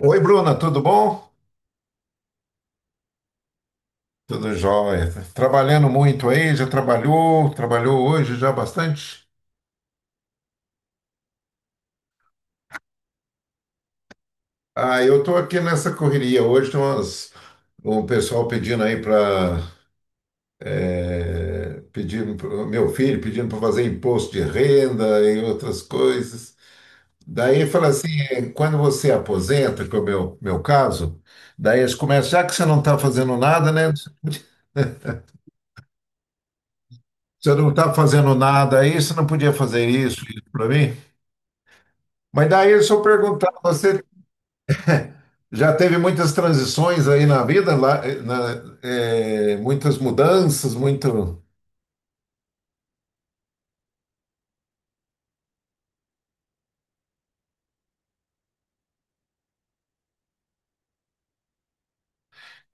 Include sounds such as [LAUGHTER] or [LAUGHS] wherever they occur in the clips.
Oi, Bruna, tudo bom? Tudo jóia. Trabalhando muito aí, trabalhou hoje já bastante? Ah, eu tô aqui nessa correria. O pessoal pedindo aí para meu filho pedindo para fazer imposto de renda e outras coisas. Daí fala assim, quando você aposenta, que é meu caso, daí eles começam, já que você não está fazendo nada, né? Você não está fazendo nada aí, você não podia fazer isso para mim? Mas daí deixa eu perguntar, você já teve muitas transições aí na vida, lá, muitas mudanças, muito.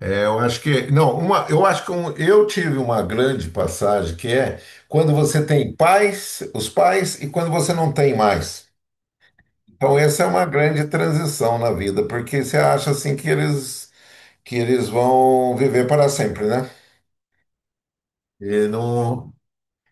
Eh, eu acho que não, uma, eu acho que eu tive uma grande passagem que é quando você tem pais, os pais, e quando você não tem mais. Então essa é uma grande transição na vida, porque você acha assim que eles vão viver para sempre, né? E não.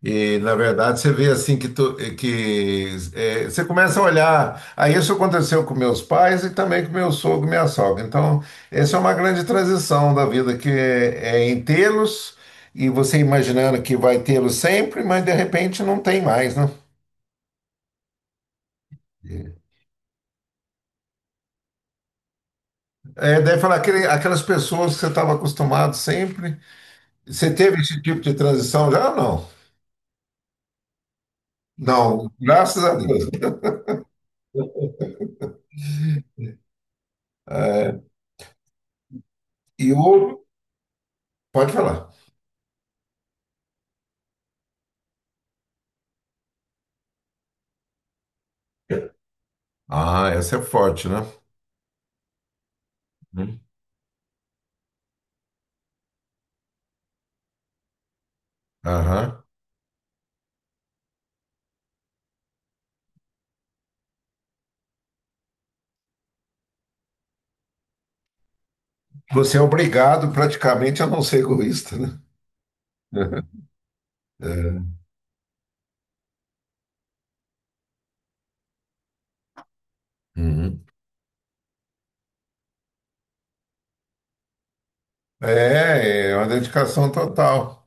E, na verdade, você vê assim que é, você começa a olhar. Aí isso aconteceu com meus pais e também com meu sogro e minha sogra. Então, essa é uma grande transição da vida, que é em tê-los, e você imaginando que vai tê-los sempre, mas de repente não tem mais, né? É, daí aquelas pessoas que você estava acostumado sempre. Você teve esse tipo de transição já ou não? Não, graças a Deus. É, e o. Pode falar. Ah, essa é forte, né? Aham. Você é obrigado praticamente a não ser egoísta, né? [LAUGHS] É. Uhum. É, é uma dedicação total.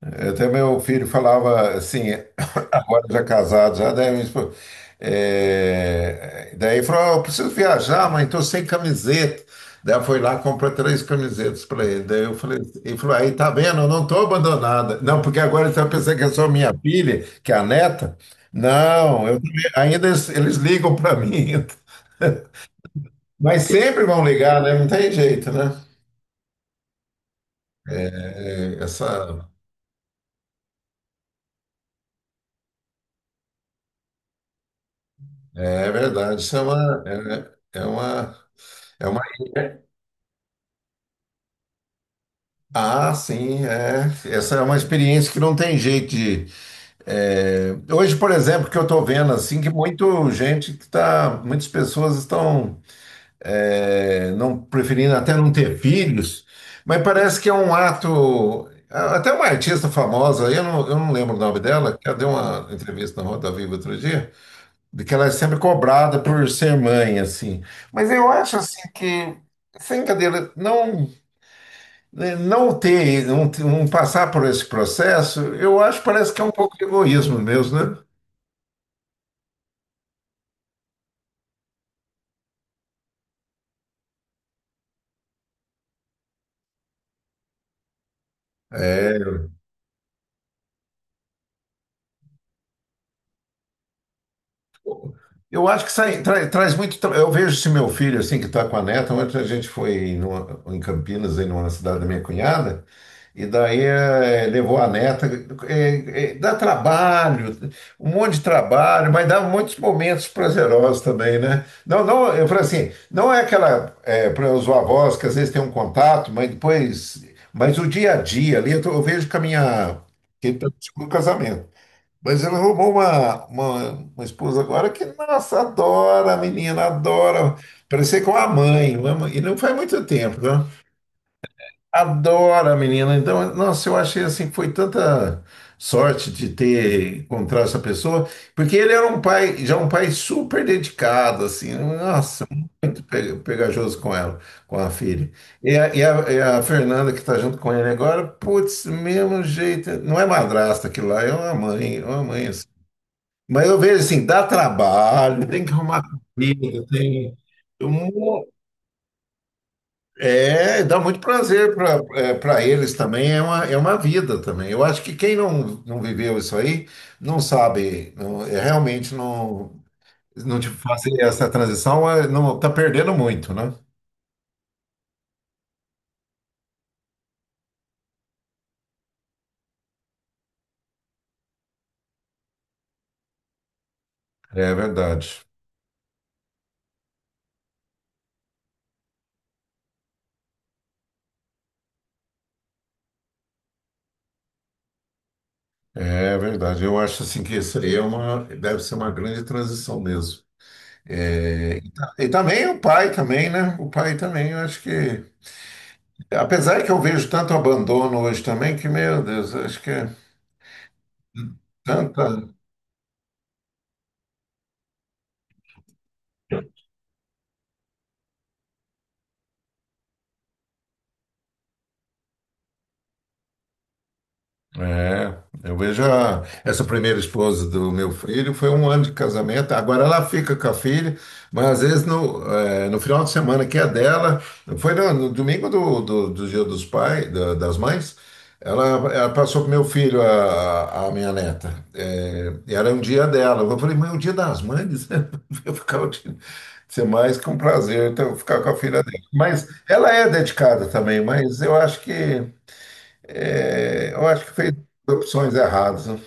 Até meu filho falava assim, [COUGHS] [LAUGHS] agora já casado, já daí, minha esposa- é, daí ele falou: "Ah, eu preciso viajar, mãe, tô sem camiseta." Daí ela foi lá e comprou três camisetas para ele. Daí eu falei, ele falou, aí tá vendo, eu não tô abandonada. Não, porque agora ele está pensando que é só minha filha, que é a neta. Não, eu também- ainda eles ligam para mim. [LAUGHS] Mas sempre vão ligar, né? Não tem jeito, né? É, é, essa, é é verdade. Isso é uma, é uma. Ah, sim, é. Essa é uma experiência que não tem jeito de. É, Hoje, por exemplo, que eu estou vendo assim que muito gente muitas pessoas estão não preferindo até não ter filhos, mas parece que é um ato. Até uma artista famosa, eu não lembro o nome dela, que ela deu uma entrevista na Roda Viva outro dia, de que ela é sempre cobrada por ser mãe, assim. Mas eu acho assim que, sem cadeira, né, não passar por esse processo, eu acho que parece que é um pouco de egoísmo mesmo, né? É, eu acho que sai, traz muito. Eu vejo esse meu filho assim que está com a neta. Ontem a gente foi em Campinas, em uma cidade da minha cunhada. E daí levou a neta. Dá trabalho, um monte de trabalho, mas dá muitos momentos prazerosos também, né? Não, não, eu falo assim, não é aquela, para os avós que às vezes tem um contato, mas depois. Mas o dia a dia ali, eu vejo que a minha. Que ele tá no segundo casamento. Mas ela arrumou uma esposa agora que, nossa, adora a menina, adora. Parecia com a mãe, uma mãe- e não faz muito tempo, né? Adora a menina. Então, nossa, eu achei assim, foi tanta sorte de ter encontrado essa pessoa, porque ele era um pai, já um pai super dedicado, assim, nossa, muito pegajoso com ela, com a filha. E a Fernanda, que está junto com ele agora, putz, mesmo jeito, não é madrasta aquilo lá, é uma mãe assim. Mas eu vejo assim, dá trabalho, tem que arrumar comida, tem. É, dá muito prazer para pra eles também, é é uma vida também. Eu acho que quem não viveu isso aí não sabe, é, realmente não, não te fazer essa transição, é, não tá perdendo muito, né? É verdade, é verdade. Eu acho assim que isso aí é uma, deve ser uma grande transição mesmo. É, e, e também o pai também, né? O pai também, eu acho que, apesar que eu vejo tanto abandono hoje também, que, meu Deus, eu acho que é tanta. É, eu vejo essa primeira esposa do meu filho, foi um ano de casamento, agora ela fica com a filha, mas às vezes no final de semana que é dela, foi no domingo do Dia dos Pais, das Mães, ela, ela passou pro meu filho, a minha neta. Eh, era um dia dela, eu falei, mas é o Dia das Mães, [LAUGHS] eu ficar o dia... Ser mais que um prazer então, ficar com a filha dele. Mas ela é dedicada também, mas eu acho que é, eu acho que fez opções erradas, né?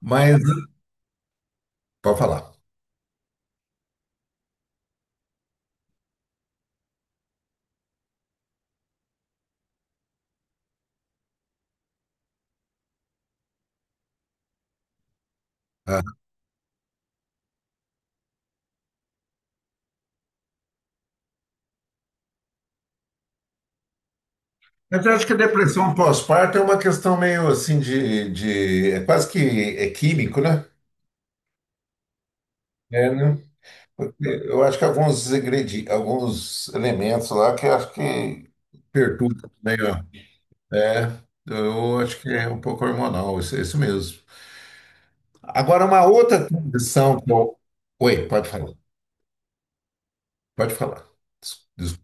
Mas, pode falar. Ah. Mas eu acho que a depressão pós-parto é uma questão meio assim é quase que é químico, né? É, né? Porque eu acho que alguns ingredientes, alguns elementos lá que eu acho que perturbam meio. É, eu acho que é um pouco hormonal, isso mesmo. Agora, uma outra condição que eu... Oi, pode falar. Pode falar. Des-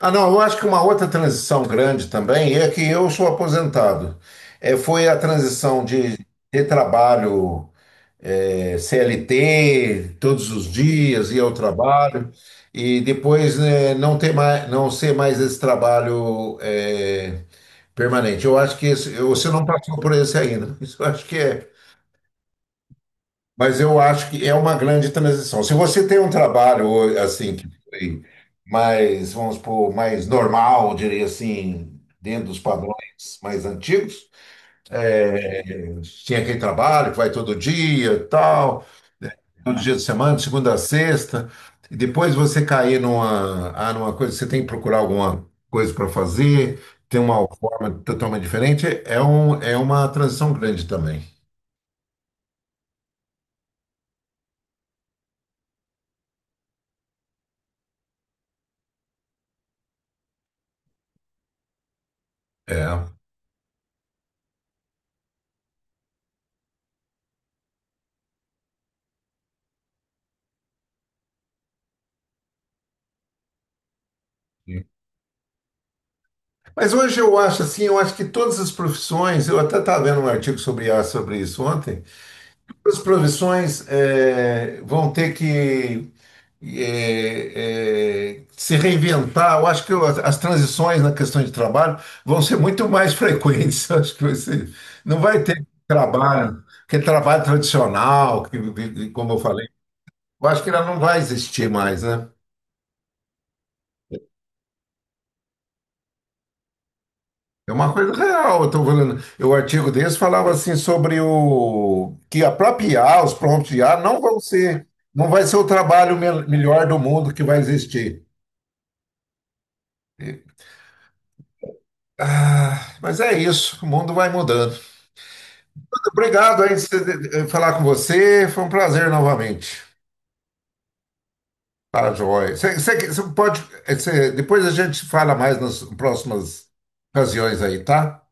Ah, não, eu acho que uma outra transição grande também é que eu sou aposentado. É, foi a transição de ter trabalho CLT todos os dias, ir ao trabalho, e depois né, não ter mais, não ser mais esse trabalho permanente. Eu acho que você não passou por esse ainda. [LAUGHS] Isso eu acho que é, mas eu acho que é uma grande transição. Se você tem um trabalho assim que foi mais, vamos supor, mais normal, diria assim, dentro dos padrões mais antigos, tinha aquele trabalho que vai todo dia, e tal, todo dia de semana, de segunda a sexta, e depois você cair numa, ah, numa coisa, você tem que procurar alguma coisa para fazer, tem uma forma totalmente diferente, é é uma transição grande também. É. Mas hoje eu acho assim, eu acho que todas as profissões, eu até estava lendo um artigo sobre IA sobre isso ontem, todas as profissões vão ter que se reinventar. Eu acho que as transições na questão de trabalho vão ser muito mais frequentes. [LAUGHS] Eu acho que você não vai ter trabalho, que é trabalho tradicional, que, como eu falei, eu acho que ela não vai existir mais, né? É uma coisa real, eu estou falando. O artigo desse falava assim sobre o que a própria IA, os prompts de IA não vão ser, não vai ser o trabalho melhor do mundo que vai existir. Ah, mas é isso, o mundo vai mudando. Obrigado aí de falar com você, foi um prazer novamente. Tá, joia. Você pode, você- depois a gente fala mais nas próximas ocasiões aí, tá?